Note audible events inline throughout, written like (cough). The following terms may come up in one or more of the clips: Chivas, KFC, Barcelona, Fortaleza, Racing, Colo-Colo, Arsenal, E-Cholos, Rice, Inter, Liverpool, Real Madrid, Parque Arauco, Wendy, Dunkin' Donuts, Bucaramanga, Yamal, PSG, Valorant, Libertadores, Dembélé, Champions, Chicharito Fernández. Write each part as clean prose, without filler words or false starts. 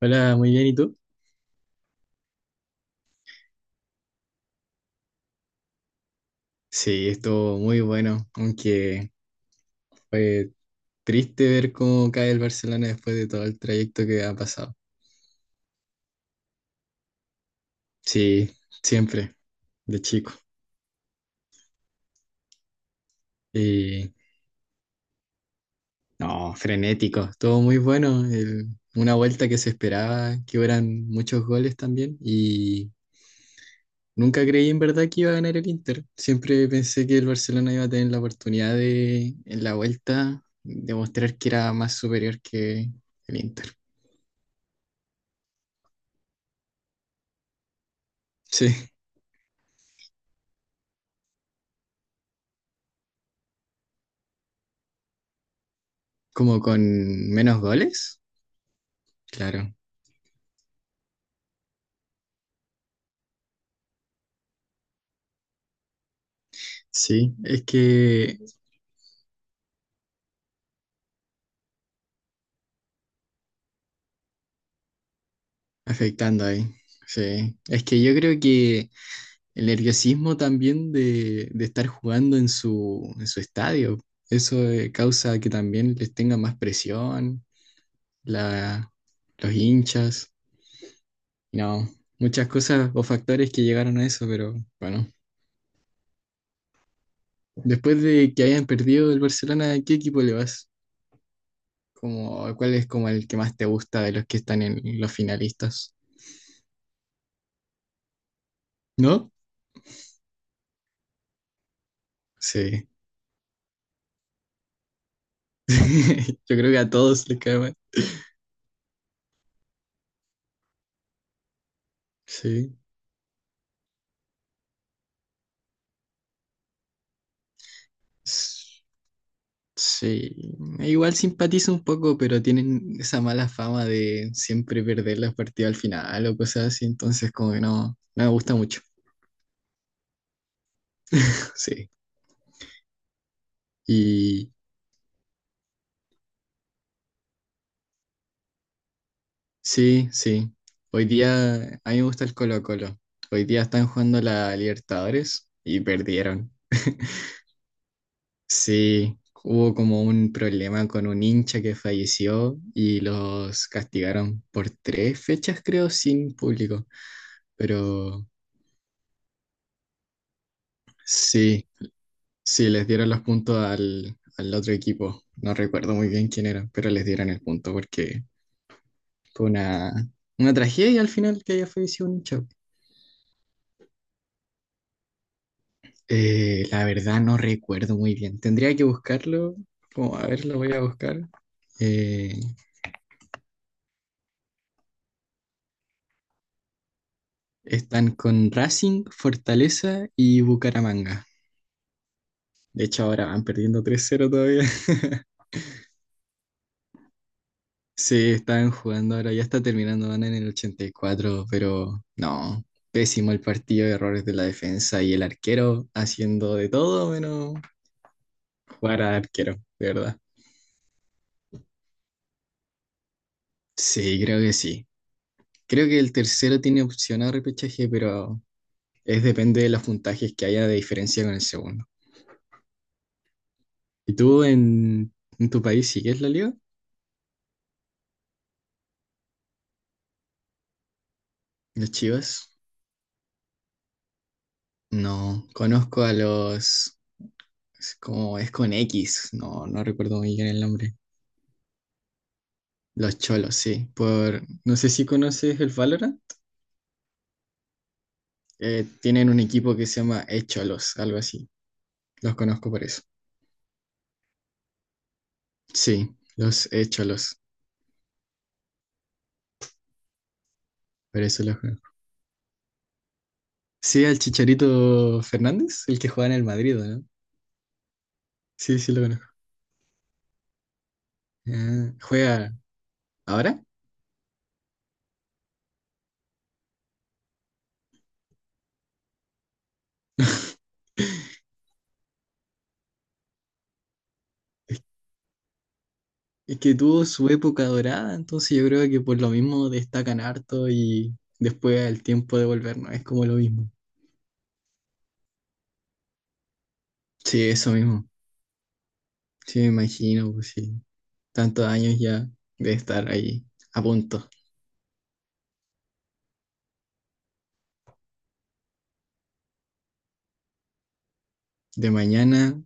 Hola, muy bien, ¿y tú? Sí, estuvo muy bueno, aunque fue triste ver cómo cae el Barcelona después de todo el trayecto que ha pasado. Sí, siempre, de chico. Y no, frenético, estuvo muy bueno. Una vuelta que se esperaba que hubieran muchos goles también. Y nunca creí en verdad que iba a ganar el Inter. Siempre pensé que el Barcelona iba a tener la oportunidad de, en la vuelta, demostrar que era más superior que el Inter. Sí, como con menos goles. Claro. Sí, es que afectando ahí. Sí. Es que yo creo que el nerviosismo también de estar jugando en su estadio, eso causa que también les tenga más presión, la, los hinchas. No, muchas cosas o factores que llegaron a eso, pero bueno. Después de que hayan perdido el Barcelona, ¿a qué equipo le vas? Como, ¿cuál es como el que más te gusta de los que están en los finalistas? ¿No? Sí. (laughs) Yo creo que a todos les cae mal. Sí. S- Sí. Igual simpatizo un poco, pero tienen esa mala fama de siempre perder los partidos al final o cosas así. Entonces, como que no, no me gusta mucho. (laughs) Sí. Y sí, sí. Hoy día a mí me gusta el Colo-Colo. Hoy día están jugando la Libertadores y perdieron. (laughs) Sí, hubo como un problema con un hincha que falleció y los castigaron por tres fechas, creo, sin público. Pero sí, sí, les dieron los puntos al otro equipo. No recuerdo muy bien quién era, pero les dieron el punto porque fue una tragedia al final que haya fallecido un hincha. La verdad no recuerdo muy bien. Tendría que buscarlo. Como, a ver, lo voy a buscar. Eh, Están con Racing, Fortaleza y Bucaramanga. De hecho, ahora van perdiendo 3-0 todavía. (laughs) Sí, están jugando ahora, ya está terminando, van en el 84, pero no, pésimo el partido, errores de la defensa y el arquero haciendo de todo menos jugar al arquero, de verdad. Sí. Creo que el tercero tiene opción a repechaje, pero es depende de los puntajes que haya de diferencia con el segundo. ¿Y tú en tu país sigues la liga? ¿Las Chivas? No, conozco a los, es como es con X, no, no recuerdo muy bien el nombre. Los Cholos, sí. No sé si conoces el Valorant. Tienen un equipo que se llama E-Cholos, algo así. Los conozco por eso. Sí, los E-Cholos, por eso los conozco. Sí, al Chicharito Fernández, el que juega en el Madrid, ¿o no? Sí, sí lo conozco. Ah, ¿juega ahora? (laughs) Es Es que tuvo su época dorada, entonces yo creo que por lo mismo destacan harto y después el tiempo de volver no es como lo mismo. Sí, eso mismo. Sí, me imagino, pues sí. Tantos años ya de estar ahí a punto. De mañana,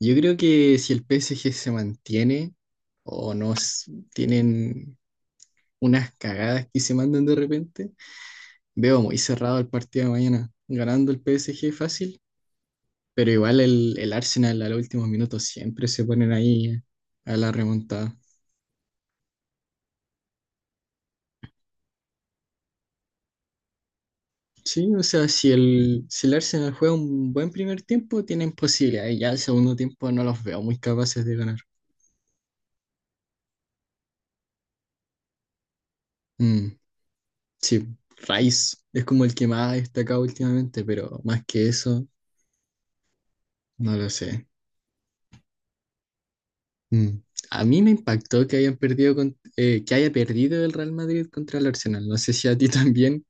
yo creo que si el PSG se mantiene o no, tienen unas cagadas que se mandan de repente, veo muy cerrado el partido de mañana. Ganando el PSG fácil. Pero igual el Arsenal a los últimos minutos siempre se ponen ahí a la remontada. Sí, o sea, si el Arsenal juega un buen primer tiempo, tienen posibilidades. Ya el segundo tiempo no los veo muy capaces de ganar. Mm, sí, Rice es como el que más ha destacado últimamente, pero más que eso, no lo sé. Mm. A mí me impactó que hayan perdido que haya perdido el Real Madrid contra el Arsenal. No sé si a ti (laughs) también.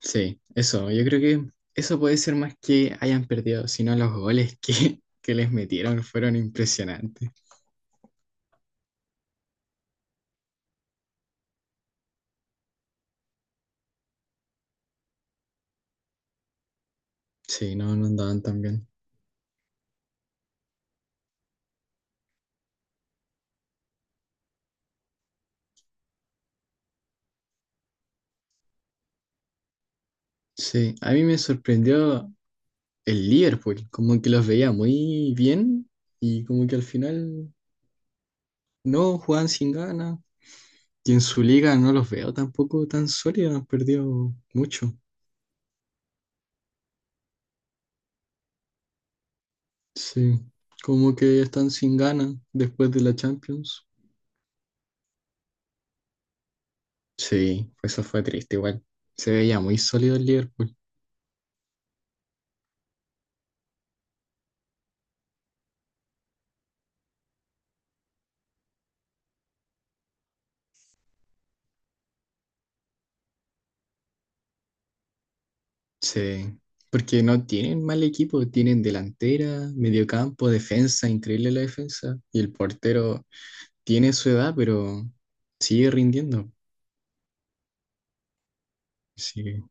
Sí, eso, yo creo que eso puede ser más que hayan perdido, sino los goles que, (laughs) que les metieron fueron impresionantes. Sí, no, no andaban tan bien. Sí, a mí me sorprendió el Liverpool, como que los veía muy bien y como que al final no jugaban sin ganas. Y en su liga no los veo tampoco tan sólidos, han perdido mucho. Sí, como que están sin ganas después de la Champions. Sí, eso fue triste igual. Se veía muy sólido el Liverpool. Sí, porque no tienen mal equipo, tienen delantera, mediocampo, defensa, increíble la defensa. Y el portero tiene su edad, pero sigue rindiendo. Sí,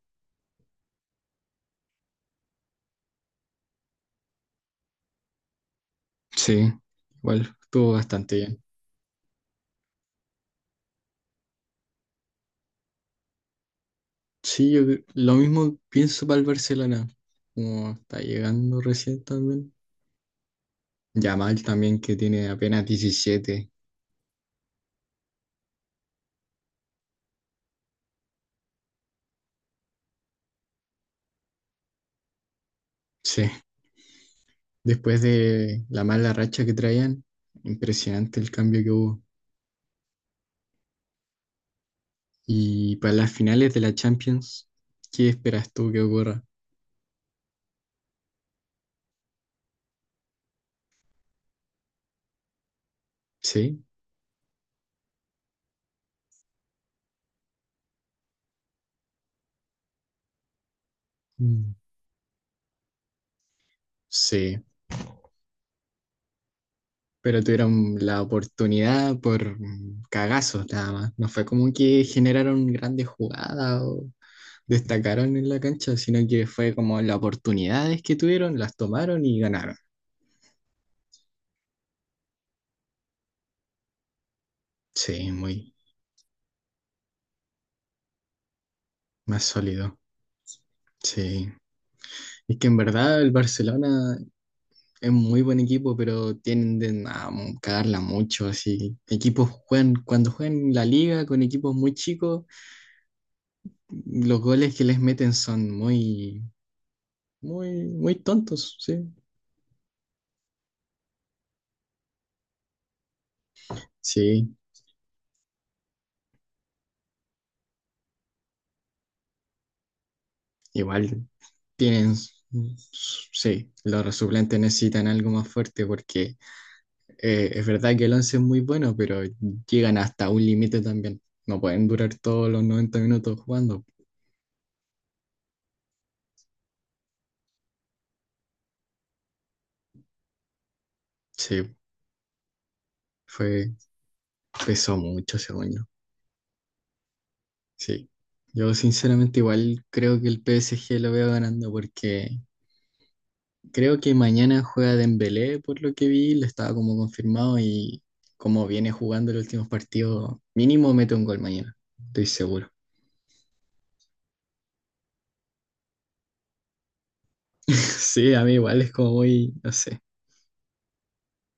sí, igual estuvo bastante bien. Sí, lo mismo pienso para el Barcelona, como está llegando recién también. Yamal también que tiene apenas 17. Sí, después de la mala racha que traían, impresionante el cambio que hubo. Y para las finales de la Champions, ¿qué esperas tú que ocurra? ¿Sí? Mm. Sí, pero tuvieron la oportunidad por cagazos nada más. No fue como que generaron grandes jugadas o destacaron en la cancha, sino que fue como las oportunidades que tuvieron, las tomaron y ganaron. Sí, muy más sólido. Sí, es que en verdad el Barcelona es muy buen equipo, pero tienden a cagarla mucho, así. Equipos juegan, cuando juegan la liga con equipos muy chicos, los goles que les meten son muy, muy, muy tontos, sí. Sí, igual tienen, s- sí, los suplentes necesitan algo más fuerte porque es verdad que el 11 es muy bueno, pero llegan hasta un límite también. No pueden durar todos los 90 minutos jugando. Sí, fue, pesó mucho, según yo. Sí, yo sinceramente igual creo que el PSG lo veo ganando porque creo que mañana juega Dembélé, por lo que vi, lo estaba como confirmado y como viene jugando los últimos partidos, mínimo mete un gol mañana, estoy seguro. (laughs) Sí, a mí igual es como muy, no sé,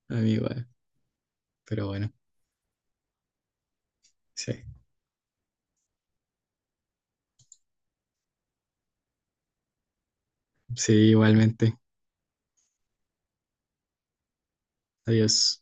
a mí igual, pero bueno, sí, sí, igualmente, adiós.